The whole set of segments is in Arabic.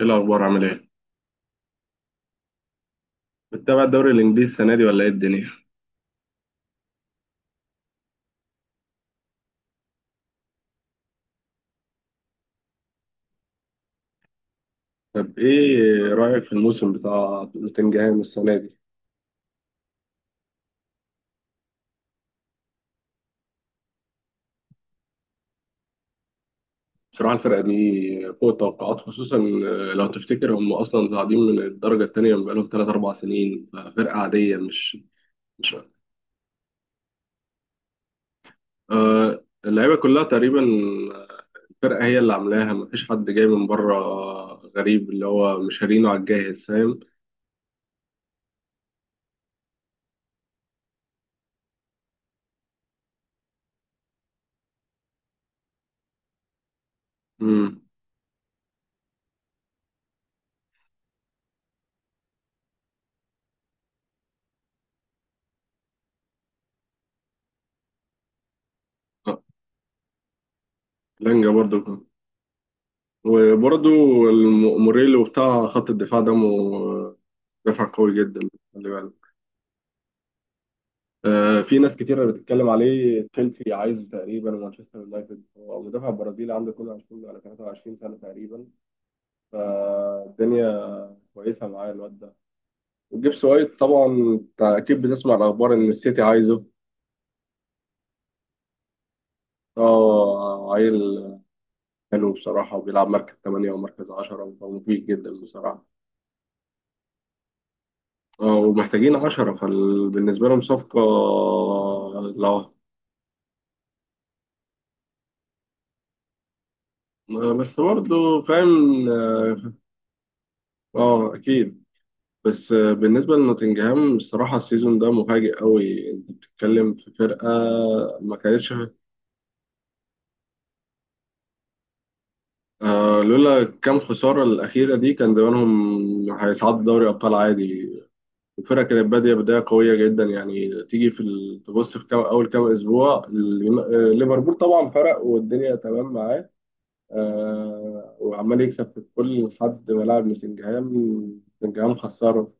ايه الاخبار، عامل ايه؟ بتتابع الدوري الانجليزي السنه دي ولا ايه الدنيا؟ طب ايه رايك في الموسم بتاع نوتنجهام السنه دي؟ بصراحه الفرقه دي فوق التوقعات. خصوصا لو تفتكر هم اصلا صاعدين من الدرجه الثانيه، من بقالهم 3 4 سنين. فرقه عاديه. مش. آه، اللعيبه كلها تقريبا. آه، الفرقه هي اللي عاملاها، مفيش حد جاي من بره. غريب، اللي هو مش شارينه على الجاهز، فاهم. امم لانجا برضو، وبرضو موريلو بتاع خط الدفاع ده دفع قوي جدا، خلي بالك. في ناس كتيرة بتتكلم عليه، تشيلسي عايزه تقريبا ومانشستر يونايتد. هو مدافع برازيلي عنده 22 ولا 23 سنة تقريبا. فالدنيا كويسة معاه الواد ده. وجيبس وايت طبعا أنت أكيد بتسمع الأخبار إن السيتي عايزه. اه، عيل حلو بصراحة، وبيلعب مركز 8 ومركز 10، ومفيد جدا بصراحة. اه، ومحتاجين عشرة، فبالنسبة لهم صفقة. لا. بس برضه فاهم. اه، اكيد. بس بالنسبة لنوتنجهام الصراحة السيزون ده مفاجئ قوي، انت بتتكلم في فرقة ما كانتش. آه، لولا كام خسارة الأخيرة دي كان زمانهم هيصعدوا دوري أبطال عادي. الفرقة كانت بادية بداية قوية جدا، يعني تيجي في تبص في كام أول كام أسبوع، ليفربول طبعا فرق والدنيا تمام معاه. آه، وعمال يكسب في كل حد، ولاعب نوتنجهام. نوتنجهام خسره.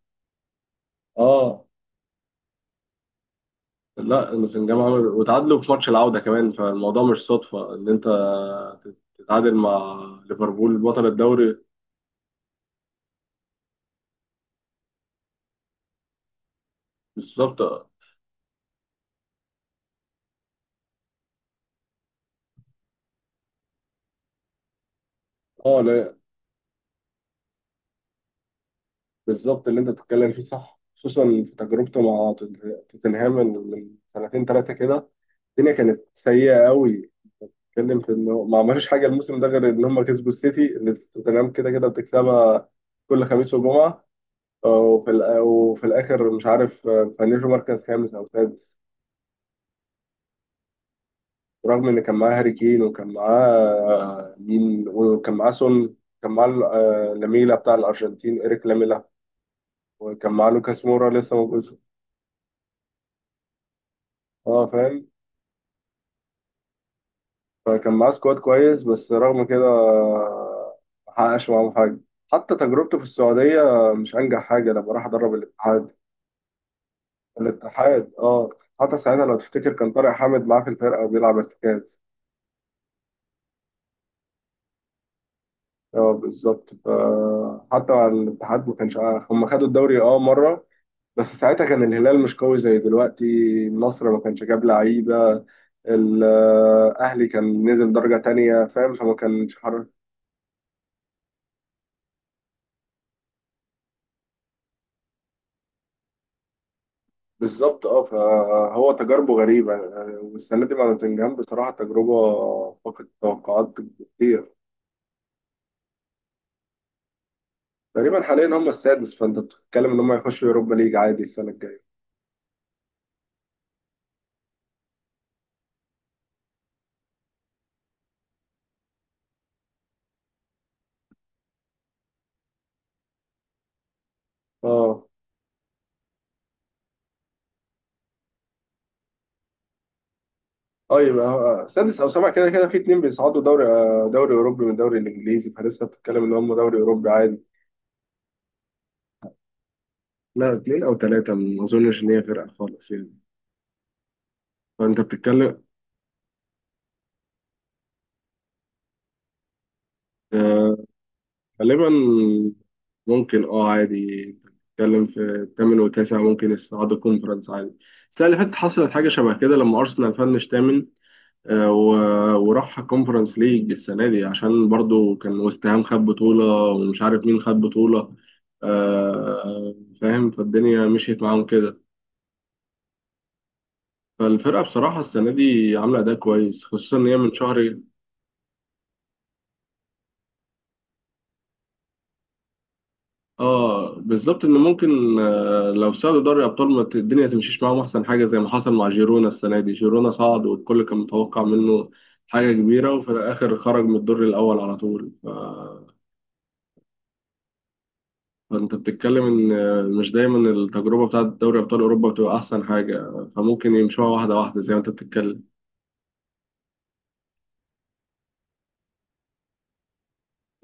اه. لا، نوتنجهام عمل وتعادلوا في ماتش العودة كمان، فالموضوع مش صدفة ان انت تتعادل مع ليفربول بطل الدوري. بالظبط. اه، لا بالظبط اللي انت بتتكلم فيه صح، خصوصا في تجربته مع توتنهام من سنتين ثلاثة كده. الدنيا كانت سيئة قوي. اتكلم في انه ما عملوش حاجة الموسم ده غير ان هم كسبوا السيتي، اللي توتنهام كده كده بتكسبها كل خميس وجمعة. وفي الآخر مش عارف، فنشوا مركز خامس أو سادس. رغم إن كان معاه هاري كين، وكان معاه آه، مين، وكان معاه سون، كان معاه لاميلا بتاع الأرجنتين، إيريك لاميلا. وكان معاه لوكاس مورا لسه موجود. اه فاهم. فكان معاه سكواد كويس، بس رغم كده ما حققش معاهم حاجة. حتى تجربته في السعودية مش أنجح حاجة، لما راح أدرب الاتحاد. الاتحاد اه. حتى ساعتها لو تفتكر كان طارق حامد معاه في الفرقة وبيلعب ارتكاز. اه بالظبط، فحتى على الاتحاد ما كانش عارف. هم خدوا الدوري اه مره، بس ساعتها كان الهلال مش قوي زي دلوقتي. النصر ما كانش جاب لعيبه. الاهلي كان نزل درجه تانية، فاهم، فما كانش حر. بالظبط اه، فهو تجاربه غريبه. والسنه دي مع نوتنجهام بصراحه تجربه فقدت التوقعات كتير. تقريبا حاليا هم السادس، فانت بتتكلم ان هم يخشوا يوروبا ليج عادي السنه الجايه. اه. اه، يبقى سادس او سابع كده كده. في اتنين بيصعدوا دوري دوري اوروبي من الدوري الانجليزي، فلسه بتتكلم ان هم دوري اوروبي عادي. لا اتنين او تلاته، ما اظنش ان هي فرقه خالص يعني. فانت بتتكلم. آه، غالبا ممكن، اه عادي، انت بتتكلم في الثامن والتاسع ممكن يصعدوا كونفرنس عادي. السنه اللي فاتت حصلت حاجه شبه كده، لما ارسنال فنش ثامن وراح كونفرنس ليج السنة دي، عشان برضو كان ويست هام خد بطولة ومش عارف مين خد بطولة. آه، فاهم، فالدنيا مشيت معاهم كده. فالفرقة بصراحة السنة دي عاملة أداء كويس، خصوصا إن هي من شهر. اه بالظبط، إن ممكن لو صعدوا دوري أبطال ما ت- الدنيا تمشيش معاهم أحسن حاجة، زي ما حصل مع جيرونا السنة دي. جيرونا صعد والكل كان متوقع منه حاجة كبيرة، وفي الآخر خرج من الدور الأول على طول. فانت بتتكلم ان مش دايما التجربه بتاعت دوري ابطال اوروبا بتبقى احسن حاجه، فممكن يمشوها واحده واحده زي ما انت بتتكلم.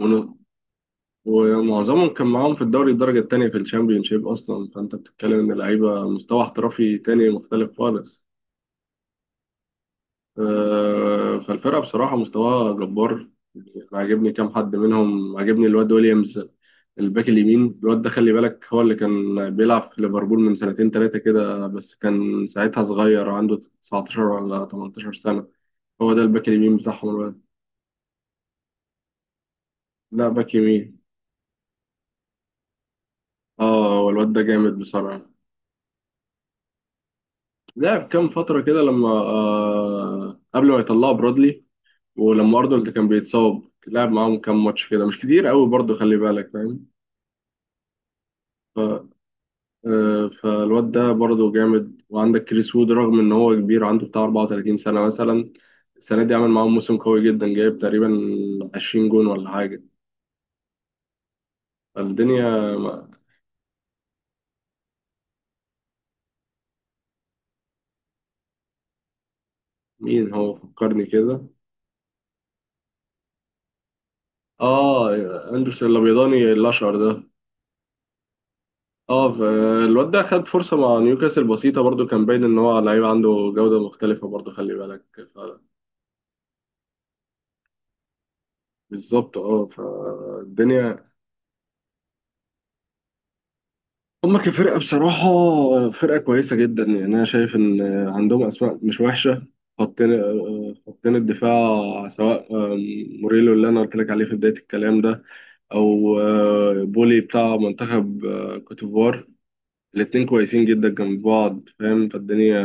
ون- ومعظمهم كان معاهم في الدوري الدرجه الثانيه في الشامبيونشيب اصلا، فانت بتتكلم ان اللعيبه مستوى احترافي تاني مختلف خالص. فالفرقه بصراحه مستواها جبار. انا عاجبني كام حد منهم. عاجبني الواد ويليامز، الباك اليمين. الواد ده خلي بالك هو اللي كان بيلعب في ليفربول من سنتين ثلاثه كده، بس كان ساعتها صغير، عنده 19 ولا 18 سنه. هو ده الباك اليمين بتاعهم الواد. لا باك يمين. اه، هو الواد ده جامد بصراحة. لعب كام فترة كده لما آه، قبل ما يطلعوا برادلي ولما أرنولد كان بيتصاب، لعب معاهم كام ماتش كده، مش كتير قوي برضه، خلي بالك فاهم. ف... آه فالواد ده برضه جامد. وعندك كريس وود، رغم إن هو كبير، عنده بتاع 34 سنة مثلا، السنة دي عمل معاهم موسم قوي جدا، جايب تقريبا 20 جون ولا حاجة. فالدنيا مين هو فكرني كده؟ اه، آه، اندرسون الابيضاني الاشقر ده. اه ف- الواد ده خد فرصة مع نيوكاسل بسيطة، برضو كان باين ان هو لعيب عنده جودة مختلفة، برضو خلي بالك. ف- بالظبط اه، فالدنيا. هما كفرقة بصراحة فرقة كويسة جدا، يعني انا شايف ان عندهم اسماء مش وحشة. خطين الدفاع سواء موريلو اللي انا قلت لك عليه في بداية الكلام ده، او بولي بتاع منتخب كوتيفوار، الاتنين كويسين جدا جنب بعض، فاهم، فالدنيا.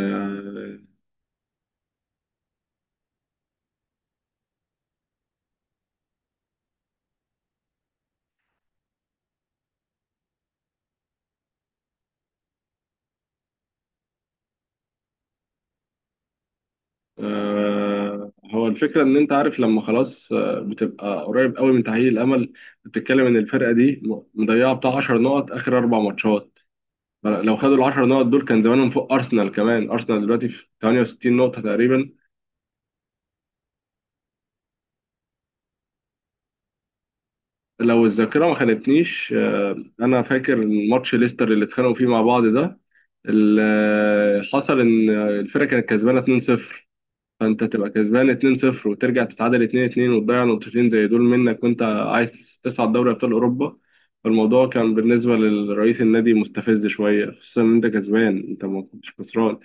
هو الفكرة إن أنت عارف لما خلاص بتبقى قريب قوي من تأهيل الأمل، بتتكلم إن الفرقة دي مضيعة بتاع 10 نقط آخر أربع ماتشات. لو خدوا ال 10 نقط دول كان زمانهم فوق أرسنال كمان. أرسنال دلوقتي في 68 نقطة تقريبا. لو الذاكرة ما خانتنيش، أنا فاكر ماتش ليستر اللي اتخانقوا فيه مع بعض ده. اللي حصل إن الفرقة كانت كسبانة 2-0، فانت تبقى كسبان 2-0 وترجع تتعادل 2-2 وتضيع نقطتين زي دول منك وانت عايز تصعد دوري ابطال اوروبا. فالموضوع كان بالنسبه لرئيس النادي مستفز شويه، خصوصا ان انت كسبان، انت ما كنتش خسران.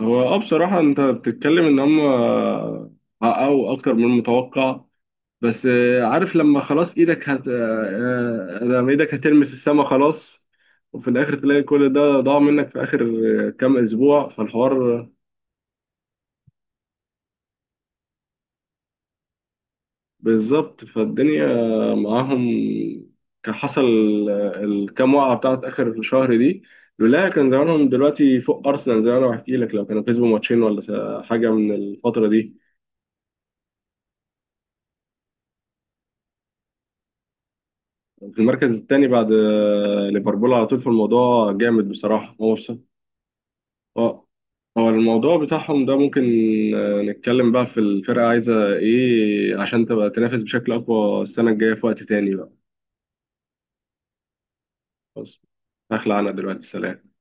اه بصراحه انت بتتكلم ان هم حققوا اكتر من المتوقع، بس عارف لما خلاص ايدك هت... آه، آه، لما ايدك هتلمس السما خلاص، وفي الاخر تلاقي كل ده ضاع منك في اخر كام اسبوع، فالحوار. بالظبط، فالدنيا معاهم كان حصل الكام وقعة بتاعت آخر الشهر دي، لولاها كان زمانهم دلوقتي فوق أرسنال، زي ما أنا بحكي لك، لو كانوا كسبوا ماتشين حاجة من الفترة دي، في المركز الثاني بعد ليفربول على طول. في الموضوع جامد بصراحة. هو بص- هو هو الموضوع بتاعهم ده ممكن نتكلم بقى في الفرقة عايزة إيه عشان تبقى تنافس بشكل أقوى السنة الجاية في وقت تاني بقى. خلاص، هخلع أنا دلوقتي، سلام.